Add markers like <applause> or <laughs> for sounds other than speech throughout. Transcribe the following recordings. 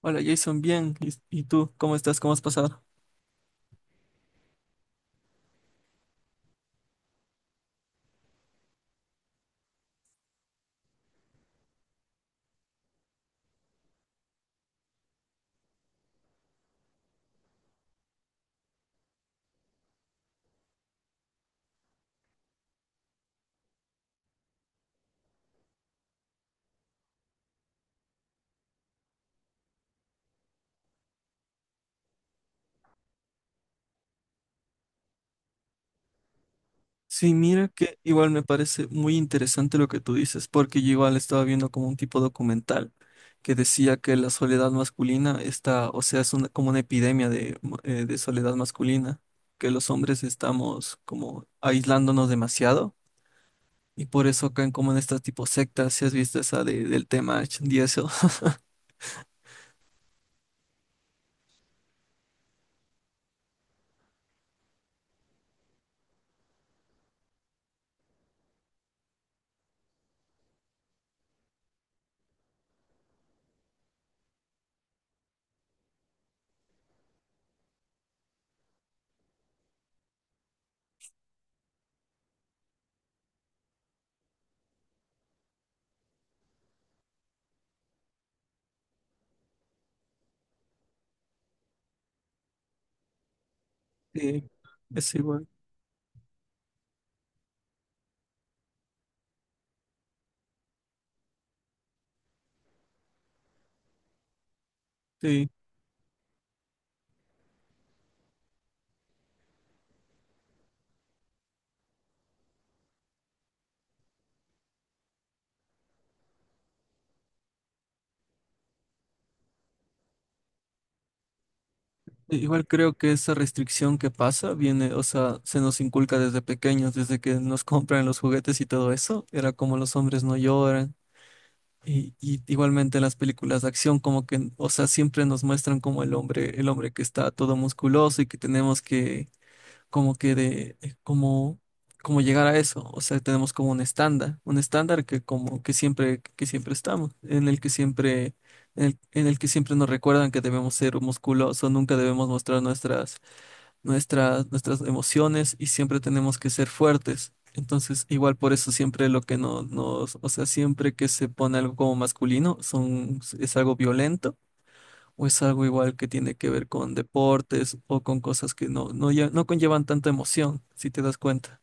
Hola Jason, bien. ¿Y tú cómo estás? ¿Cómo has pasado? Sí, mira que igual me parece muy interesante lo que tú dices, porque yo igual estaba viendo como un tipo documental que decía que la soledad masculina está, o sea, es como una epidemia de soledad masculina, que los hombres estamos como aislándonos demasiado y por eso caen como en estas tipo sectas, si has visto esa del tema H y eso. <laughs> Sí, es igual. Sí. Igual creo que esa restricción que pasa viene, o sea, se nos inculca desde pequeños, desde que nos <laughs> compran los juguetes y todo eso, era como los hombres no lloran. Y igualmente en las películas de acción, como que, o sea, siempre nos muestran como el hombre, que está todo musculoso y que tenemos que como que de como llegar a eso, o sea, tenemos como un estándar que como que siempre estamos, en el que siempre en el que siempre nos recuerdan que debemos ser musculosos, nunca debemos mostrar nuestras emociones y siempre tenemos que ser fuertes. Entonces, igual por eso siempre lo que no nos, o sea, siempre que se pone algo como masculino son es algo violento o es algo igual que tiene que ver con deportes o con cosas que no, no, no conllevan tanta emoción, si te das cuenta.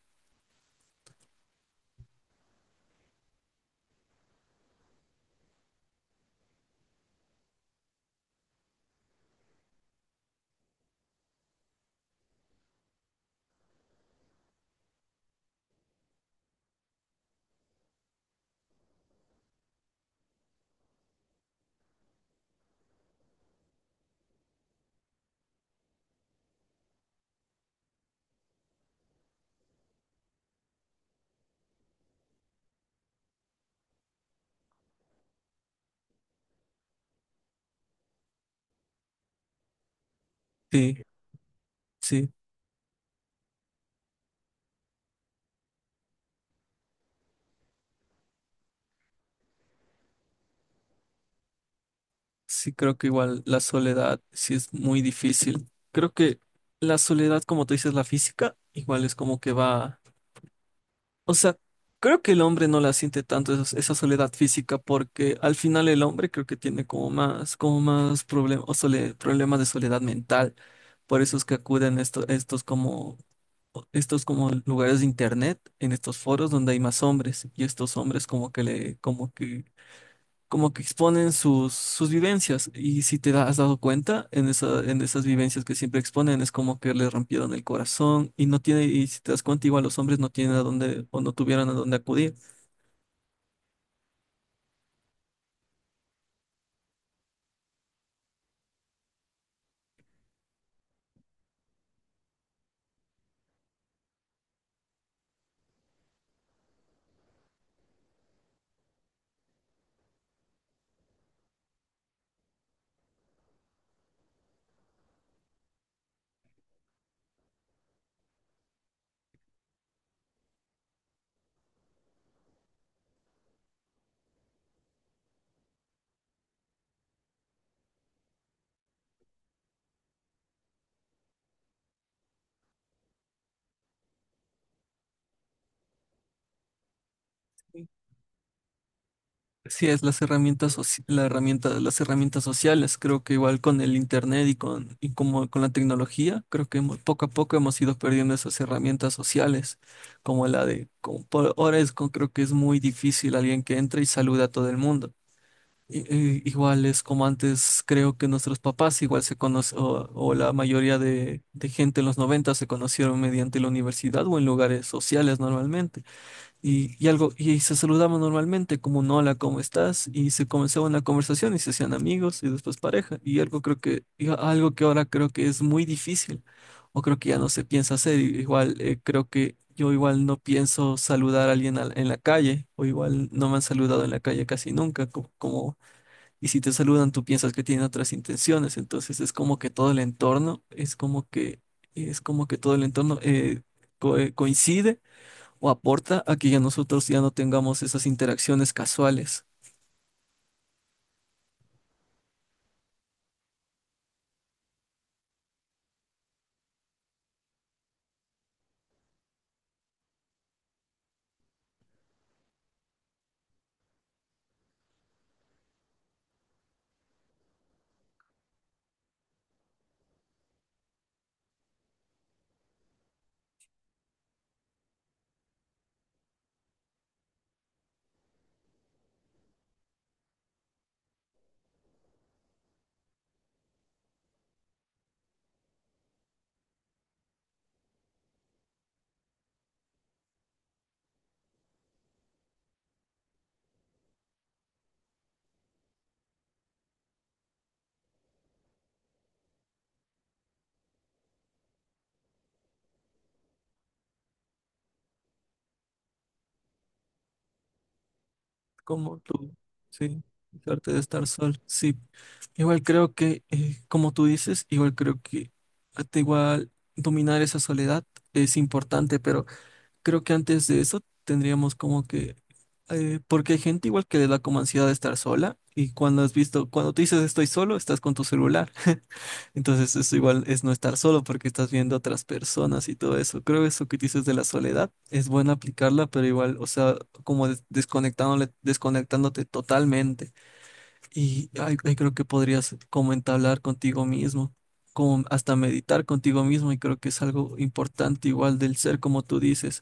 Sí, sí, sí, creo que igual la soledad sí es muy difícil. Creo que la soledad, como tú dices, la física, igual es como que va, o sea, creo que el hombre no la siente tanto esa, soledad física porque al final el hombre creo que tiene como más problemas o problemas de soledad mental. Por eso es que acuden estos como estos como lugares de internet, en estos foros donde hay más hombres y estos hombres como que le, como que exponen sus vivencias y si has dado cuenta en en esas vivencias que siempre exponen es como que le rompieron el corazón y no tiene, y si te das cuenta igual los hombres no tienen a dónde o no tuvieron a dónde acudir. Sí, es las herramientas, las herramientas sociales. Creo que igual con el internet y como con la tecnología, creo que poco a poco hemos ido perdiendo esas herramientas sociales, como la de, como por ahora es, creo que es muy difícil alguien que entre y saluda a todo el mundo. Igual es como antes, creo que nuestros papás igual se conocen, o la mayoría de gente en los 90 se conocieron mediante la universidad o en lugares sociales normalmente. Y se saludaban normalmente como un hola, ¿cómo estás? Y se comenzaba una conversación y se hacían amigos y después pareja. Y algo creo que, algo que ahora creo que es muy difícil, o creo que ya no se piensa hacer. Igual creo que yo igual no pienso saludar a alguien en la calle, o igual no me han saludado en la calle casi nunca, como, y si te saludan, tú piensas que tienen otras intenciones. Entonces es como que todo el entorno, es como que todo el entorno coincide o aporta a que ya nosotros ya no tengamos esas interacciones casuales, como tú, sí, dejarte de estar sí. Igual creo que, como tú dices, igual creo que hasta igual dominar esa soledad es importante, pero creo que antes de eso tendríamos como que, porque hay gente igual que le da como ansiedad de estar sola. Y cuando has visto, cuando tú dices estoy solo, estás con tu celular. <laughs> Entonces, eso igual es no estar solo porque estás viendo a otras personas y todo eso. Creo eso que dices de la soledad es bueno aplicarla, pero igual, o sea, como desconectándote totalmente. Y ay ahí creo que podrías como entablar contigo mismo, como hasta meditar contigo mismo. Y creo que es algo importante igual del ser, como tú dices.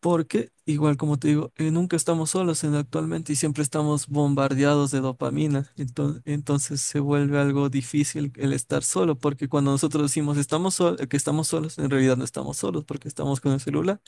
Porque, igual como te digo, nunca estamos solos en actualmente y siempre estamos bombardeados de dopamina. Entonces se vuelve algo difícil el estar solo, porque cuando nosotros decimos estamos que estamos solos, en realidad no estamos solos porque estamos con el celular.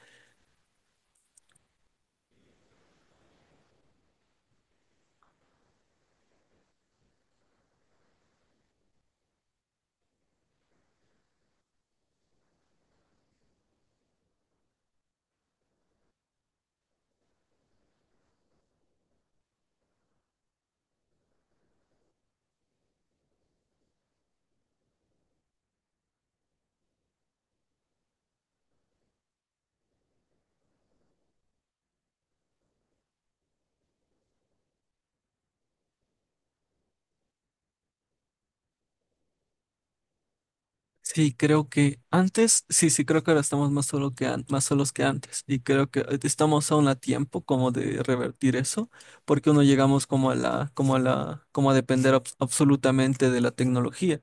Sí, creo que antes, sí, sí, creo que ahora estamos más solo que más solos que antes. Y creo que estamos aún a tiempo como de revertir eso, porque uno llegamos como a depender absolutamente de la tecnología.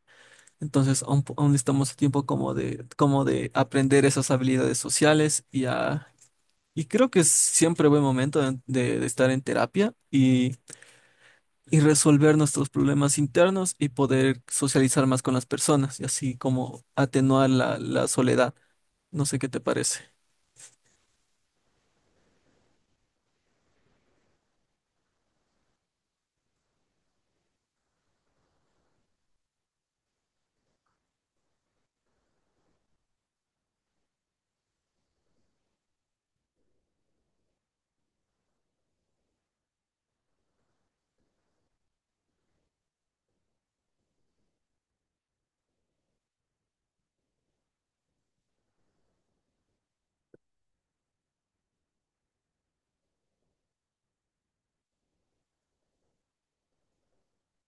Entonces aún, aún estamos a tiempo como de aprender esas habilidades sociales y creo que es siempre buen momento de estar en terapia y resolver nuestros problemas internos y poder socializar más con las personas y así como atenuar la soledad. No sé qué te parece.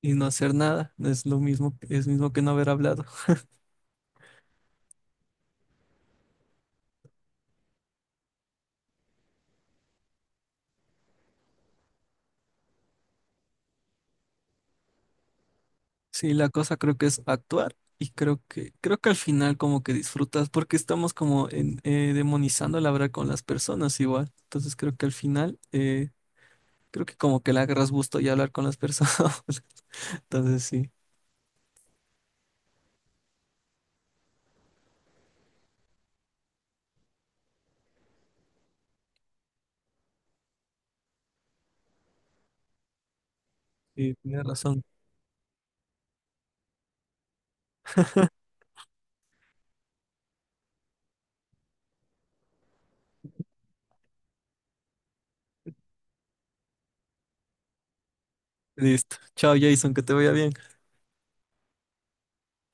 Y no hacer nada no es lo mismo, es mismo que no haber hablado. Sí, la cosa creo que es actuar y creo que al final como que disfrutas porque estamos como demonizando la hablar con las personas igual. Entonces creo que al final creo que como que le agarras gusto y hablar con las personas. <laughs> Entonces sí, sí, tienes razón. Listo. Chao, Jason, que te vaya bien.